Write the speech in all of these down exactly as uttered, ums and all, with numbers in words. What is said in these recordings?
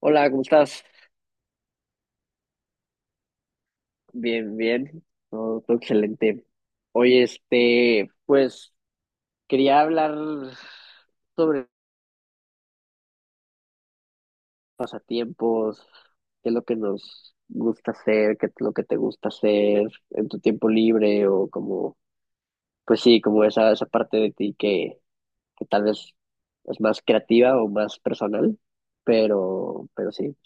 Hola, ¿cómo estás? Bien, bien. Todo, todo excelente. Oye, este, pues quería hablar sobre pasatiempos, qué es lo que nos gusta hacer, qué es lo que te gusta hacer en tu tiempo libre o como, pues sí, como esa, esa parte de ti que, que tal vez es más creativa o más personal, pero, pero sí.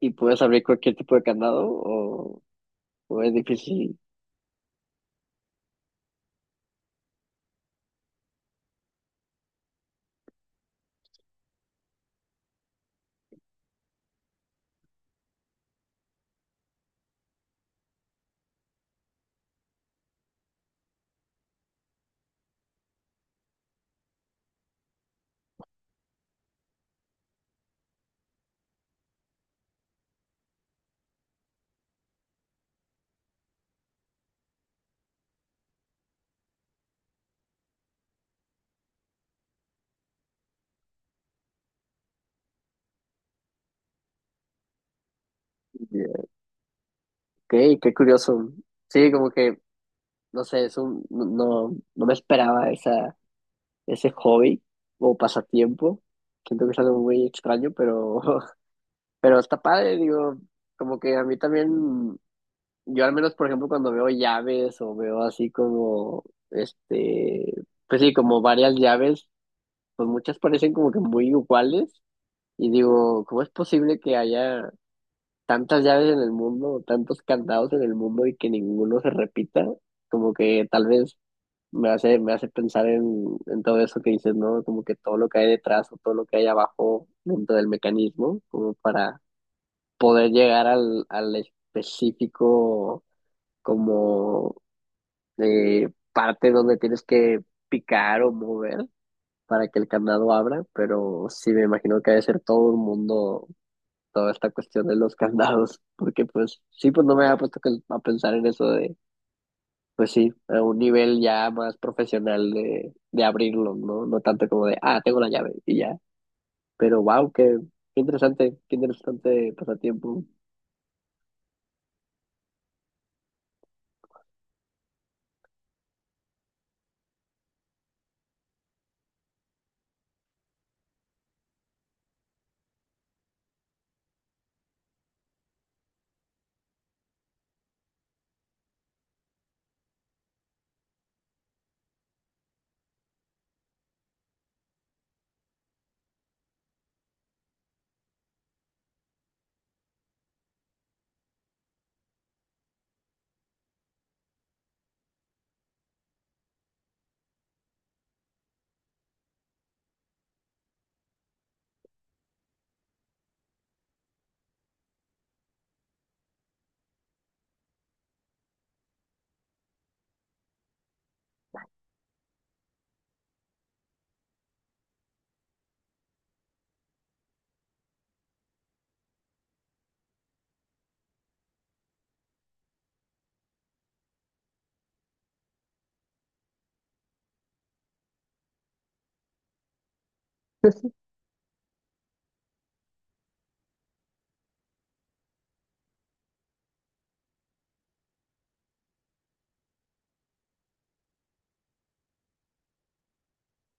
¿Y puedes abrir cualquier tipo de candado o, o es difícil? Ok, qué curioso. Sí, como que no sé, es un, no, no no me esperaba esa, ese hobby o pasatiempo. Siento que es algo muy extraño, pero, pero está padre, digo, como que a mí también, yo al menos, por ejemplo, cuando veo llaves o veo así como, este, pues sí, como varias llaves, pues muchas parecen como que muy iguales y digo, ¿cómo es posible que haya tantas llaves en el mundo, tantos candados en el mundo y que ninguno se repita? Como que tal vez me hace, me hace pensar en, en todo eso que dices, ¿no? Como que todo lo que hay detrás o todo lo que hay abajo dentro del mecanismo, como para poder llegar al, al específico como eh, parte donde tienes que picar o mover para que el candado abra, pero sí me imagino que debe ser todo un mundo, toda esta cuestión de los candados, porque pues sí, pues no me había puesto que- a pensar en eso de pues sí, a un nivel ya más profesional de, de abrirlo, ¿no? No tanto como de, ah, tengo la llave y ya. Pero wow, qué, qué interesante, qué interesante pasatiempo.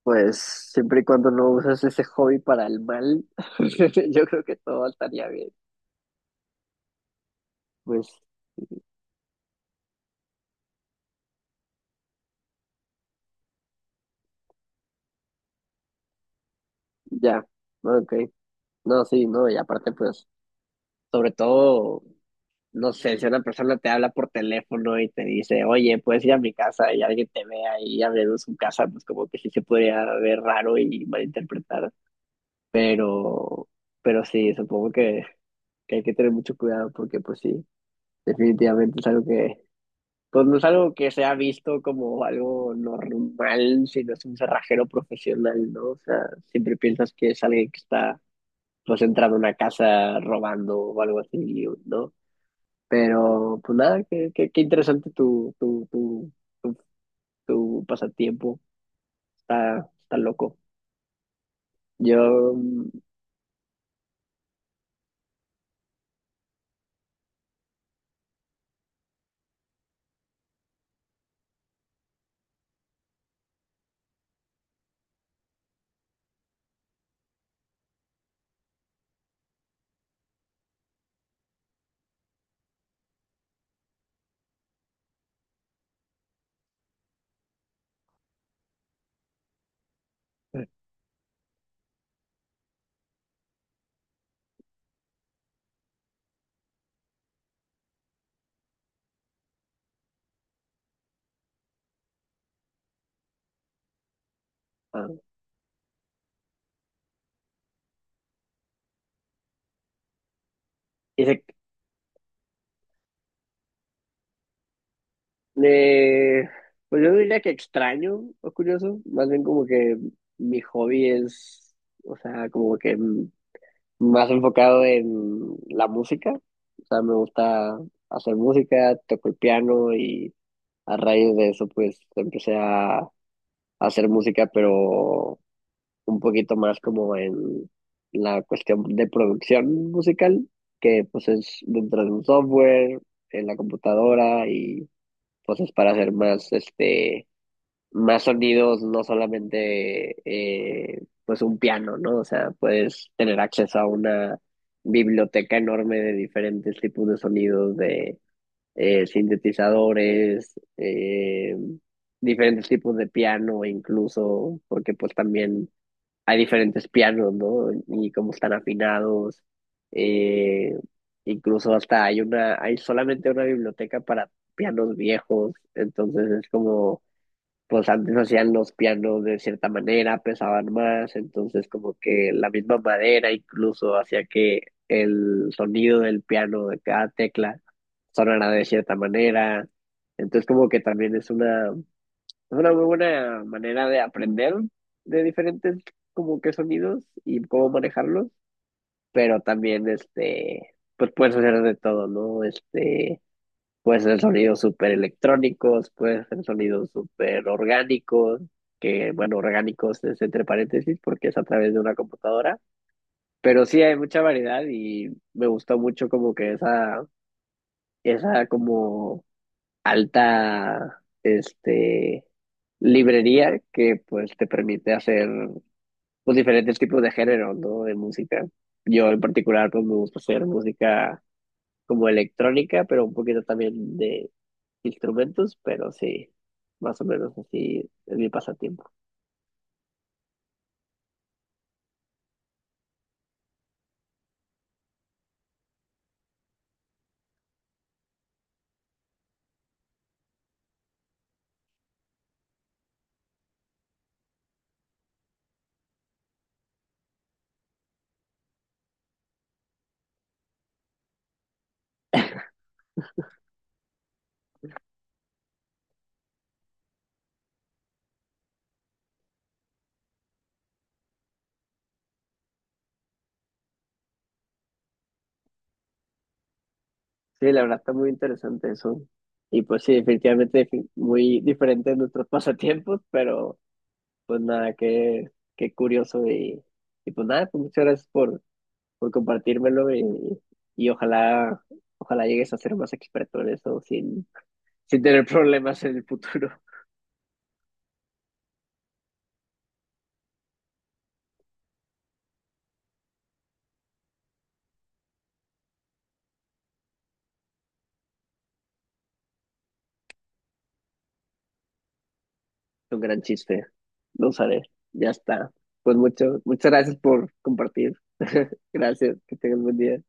Pues siempre y cuando no usas ese hobby para el mal, yo creo que todo estaría bien. Pues ya, ok. No, sí, no, y aparte pues, sobre todo no sé, si una persona te habla por teléfono y te dice, oye, puedes ir a mi casa y alguien te vea y abriendo su casa, pues como que sí se podría ver raro y malinterpretar. Pero, pero sí, supongo que, que hay que tener mucho cuidado porque pues sí, definitivamente es algo que, pues no es algo que se ha visto como algo normal, sino es un cerrajero profesional, ¿no? O sea, siempre piensas que es alguien que está pues entrando a una casa robando o algo así, ¿no? Pero, pues nada, qué, qué, qué interesante tu, tu, tu, tu, tu pasatiempo. Está, está loco. Yo, mm, ah, y eh, pues yo no diría que extraño o curioso, más bien como que mi hobby es, o sea, como que mm, más enfocado en la música. O sea, me gusta hacer música, toco el piano y a raíz de eso, pues empecé a hacer música, pero un poquito más como en la cuestión de producción musical, que pues es dentro de un software, en la computadora y pues es para hacer más, este, más sonidos, no solamente eh, pues un piano, ¿no? O sea, puedes tener acceso a una biblioteca enorme de diferentes tipos de sonidos, de eh, sintetizadores, eh, diferentes tipos de piano incluso, porque pues también hay diferentes pianos, ¿no? Y cómo están afinados. eh, Incluso hasta hay una, hay solamente una biblioteca para pianos viejos. Entonces es como, pues antes hacían los pianos de cierta manera, pesaban más. Entonces como que la misma madera incluso hacía que el sonido del piano de cada tecla sonara de cierta manera. Entonces como que también es una es una muy buena manera de aprender de diferentes como que sonidos y cómo manejarlos, pero también este, pues puedes hacer de todo, ¿no? Este, puedes hacer sonidos súper electrónicos, puedes hacer sonidos súper orgánicos, que bueno, orgánicos es entre paréntesis porque es a través de una computadora, pero sí hay mucha variedad y me gustó mucho como que esa, esa como alta este, librería que pues te permite hacer pues, diferentes tipos de género, ¿no? De música. Yo en particular pues me gusta hacer música como electrónica, pero un poquito también de instrumentos, pero sí, más o menos así es mi pasatiempo. Sí, la verdad está muy interesante eso. Y pues sí, definitivamente difi- muy diferente de nuestros pasatiempos, pero pues nada, qué, qué curioso y, y pues nada, pues muchas gracias por por compartírmelo y, y ojalá, ojalá llegues a ser más experto en eso sin, sin tener problemas en el futuro. Un gran chiste. Lo usaré. Ya está. Pues mucho, muchas gracias por compartir. Gracias. Que tengas buen día.